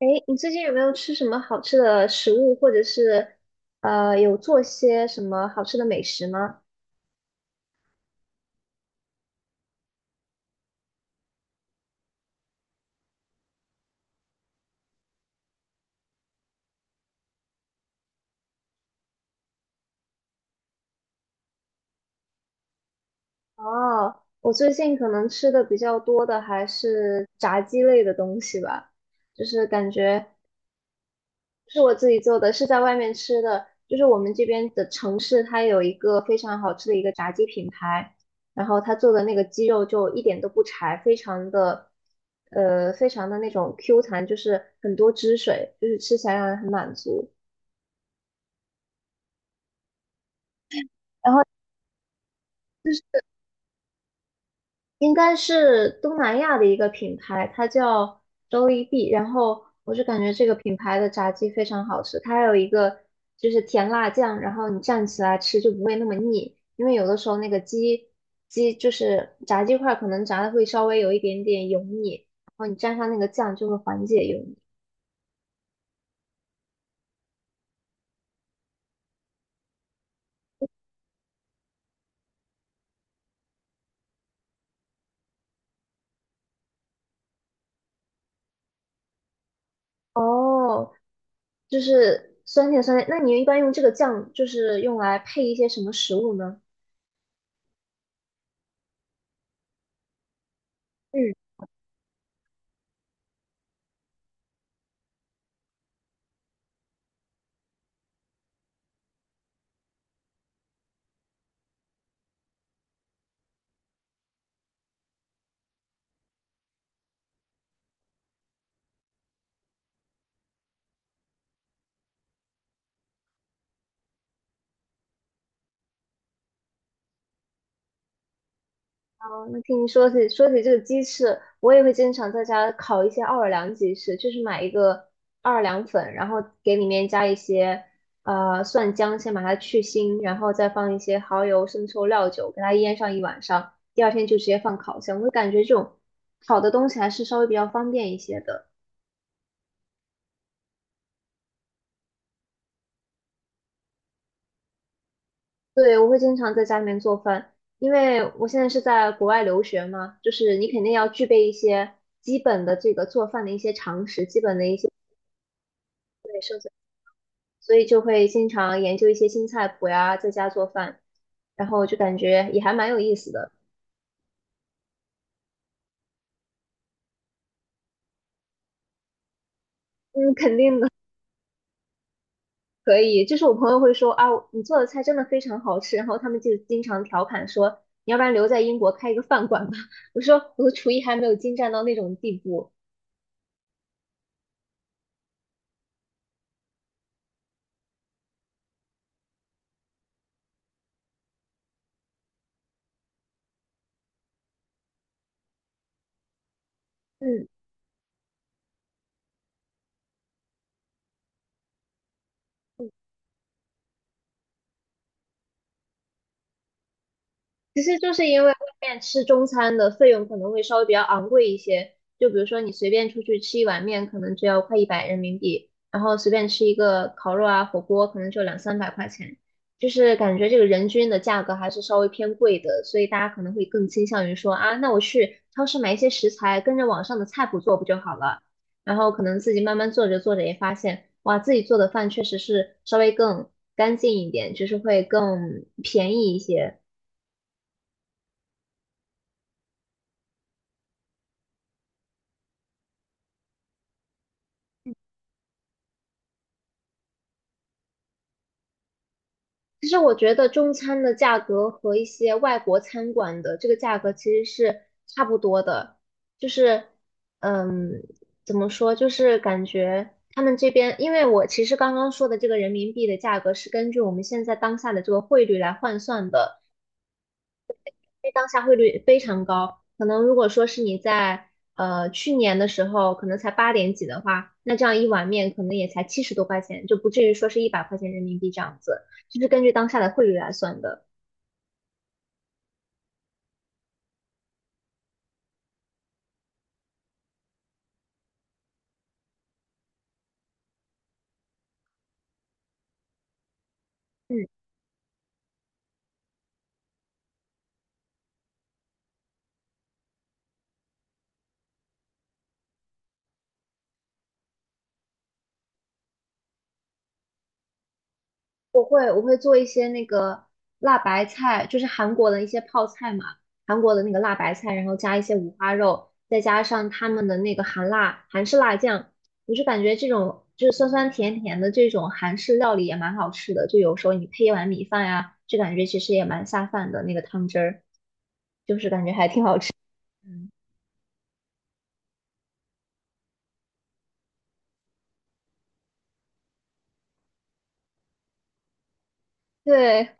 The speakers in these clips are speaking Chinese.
哎，你最近有没有吃什么好吃的食物，或者是有做些什么好吃的美食吗？哦，我最近可能吃的比较多的还是炸鸡类的东西吧，就是感觉不是我自己做的，是在外面吃的。就是我们这边的城市，它有一个非常好吃的一个炸鸡品牌，然后他做的那个鸡肉就一点都不柴，非常的那种 Q 弹，就是很多汁水，就是吃起来让人很满足。然后。应该是东南亚的一个品牌，它叫周一碧然后我就感觉这个品牌的炸鸡非常好吃，它还有一个就是甜辣酱，然后你蘸起来吃就不会那么腻。因为有的时候那个鸡就是炸鸡块，可能炸的会稍微有一点点油腻，然后你蘸上那个酱就会缓解油腻。哦，就是酸甜酸甜。那你一般用这个酱就是用来配一些什么食物呢？哦，那听你说起这个鸡翅，我也会经常在家烤一些奥尔良鸡翅，就是买一个奥尔良粉，然后给里面加一些蒜姜，先把它去腥，然后再放一些蚝油、生抽、料酒，给它腌上一晚上，第二天就直接放烤箱。我会感觉这种烤的东西还是稍微比较方便一些的。对，我会经常在家里面做饭，因为我现在是在国外留学嘛，就是你肯定要具备一些基本的这个做饭的一些常识，基本的一些。对，所以就会经常研究一些新菜谱呀，在家做饭，然后就感觉也还蛮有意思的。嗯，肯定的，可以。就是我朋友会说啊，你做的菜真的非常好吃，然后他们就经常调侃说，你要不然留在英国开一个饭馆吧。我说我的厨艺还没有精湛到那种地步。嗯。其实就是因为外面吃中餐的费用可能会稍微比较昂贵一些，就比如说你随便出去吃一碗面，可能只要快一百人民币，然后随便吃一个烤肉啊、火锅，可能就2、300块钱，就是感觉这个人均的价格还是稍微偏贵的，所以大家可能会更倾向于说啊，那我去超市买一些食材，跟着网上的菜谱做不就好了？然后可能自己慢慢做着也发现，哇，自己做的饭确实是稍微更干净一点，就是会更便宜一些。其实我觉得中餐的价格和一些外国餐馆的这个价格其实是差不多的，就是，嗯，怎么说，就是感觉他们这边，因为我其实刚刚说的这个人民币的价格是根据我们现在当下的这个汇率来换算的，因为当下汇率非常高，可能如果说是你在去年的时候可能才8点几的话，那这样一碗面可能也才70多块钱，就不至于说是一百块钱人民币这样子，就是根据当下的汇率来算的。嗯，我会做一些那个辣白菜，就是韩国的一些泡菜嘛，韩国的那个辣白菜，然后加一些五花肉，再加上他们的那个韩式辣酱，我就感觉这种就是酸酸甜甜的这种韩式料理也蛮好吃的，就有时候你配一碗米饭呀，就感觉其实也蛮下饭的那个汤汁儿。嗯，对，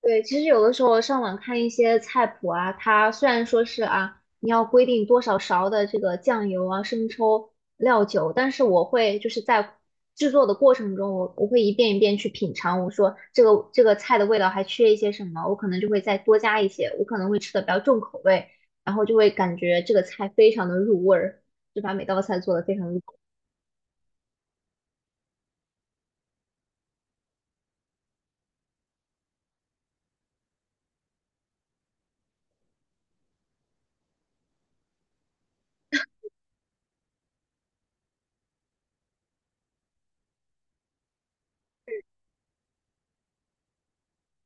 对，其实有的时候上网看一些菜谱啊，它虽然说是啊，你要规定多少勺的这个酱油啊、生抽、料酒，但是我会就是在制作的过程中，我会一遍一遍去品尝，我说这个菜的味道还缺一些什么，我可能就会再多加一些，我可能会吃的比较重口味，然后就会感觉这个菜非常的入味儿，就把每道菜做的非常入口。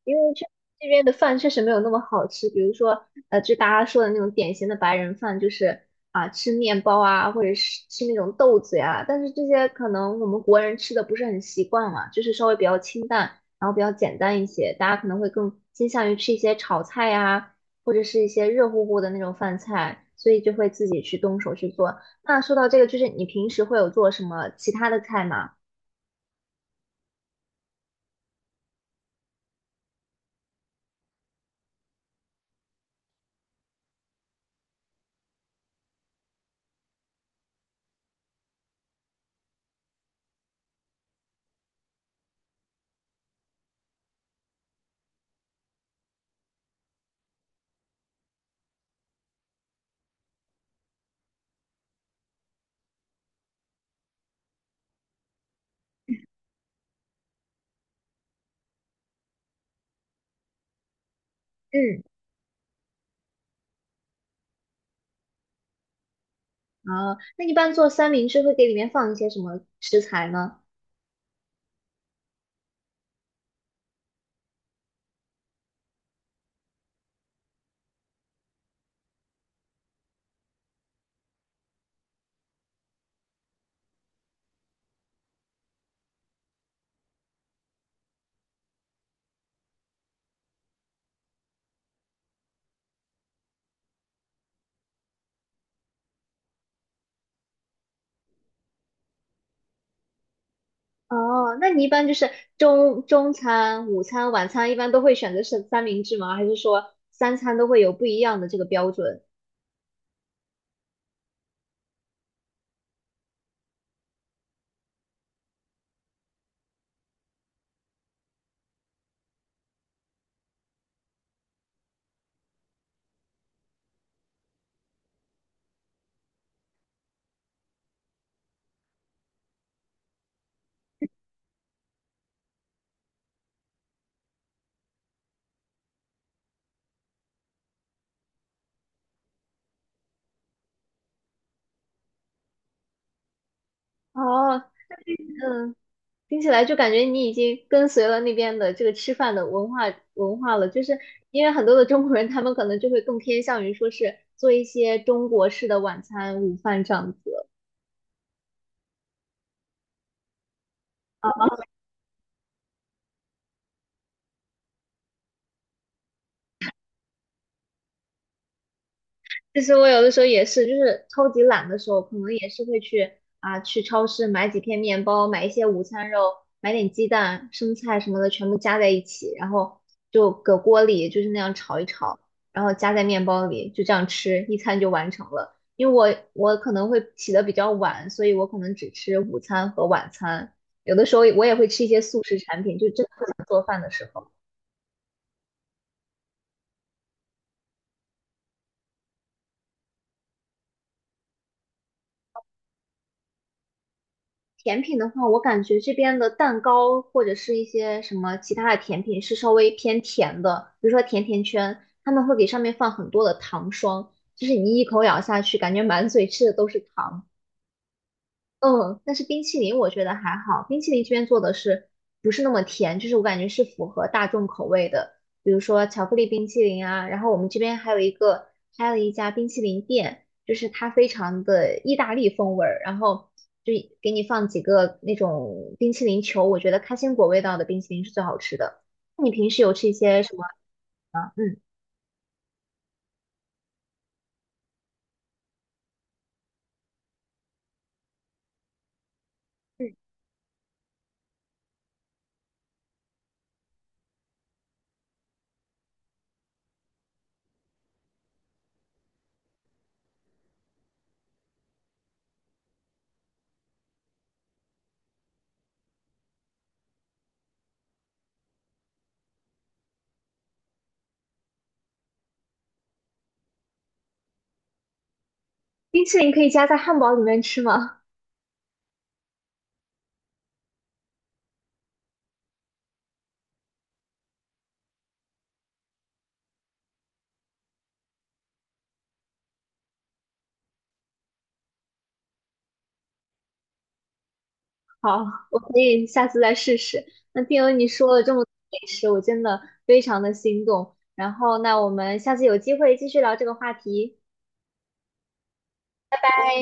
因为这边的饭确实没有那么好吃，比如说，就大家说的那种典型的白人饭，就是啊、吃面包啊，或者是吃那种豆子呀。但是这些可能我们国人吃的不是很习惯嘛，就是稍微比较清淡，然后比较简单一些，大家可能会更倾向于吃一些炒菜呀，或者是一些热乎乎的那种饭菜，所以就会自己去动手去做。那说到这个，就是你平时会有做什么其他的菜吗？嗯，啊，那一般做三明治会给里面放一些什么食材呢？哦，那你一般就是中餐、午餐、晚餐，一般都会选择是三明治吗？还是说三餐都会有不一样的这个标准？哦，嗯，听起来就感觉你已经跟随了那边的这个吃饭的文化了，就是因为很多的中国人，他们可能就会更偏向于说是做一些中国式的晚餐、午饭这样子。其实我有的时候也是，就是超级懒的时候，可能也是会去啊去超市买几片面包，买一些午餐肉，买点鸡蛋、生菜什么的，全部加在一起，然后就搁锅里就是那样炒一炒，然后加在面包里，就这样吃，一餐就完成了。因为我可能会起得比较晚，所以我可能只吃午餐和晚餐，有的时候我也会吃一些速食产品，就真的不想做饭的时候。甜品的话，我感觉这边的蛋糕或者是一些什么其他的甜品是稍微偏甜的，比如说甜甜圈，他们会给上面放很多的糖霜，就是你一口咬下去，感觉满嘴吃的都是糖。嗯，但是冰淇淋我觉得还好，冰淇淋这边做的是不是那么甜，就是我感觉是符合大众口味的，比如说巧克力冰淇淋啊，然后我们这边还有一个开了一家冰淇淋店，就是它非常的意大利风味儿，然后就给你放几个那种冰淇淋球，我觉得开心果味道的冰淇淋是最好吃的。那你平时有吃一些什么？嗯，冰淇淋可以加在汉堡里面吃吗？好，我可以下次再试试。那听了你说了这么多美食，我真的非常的心动。然后，那我们下次有机会继续聊这个话题。拜。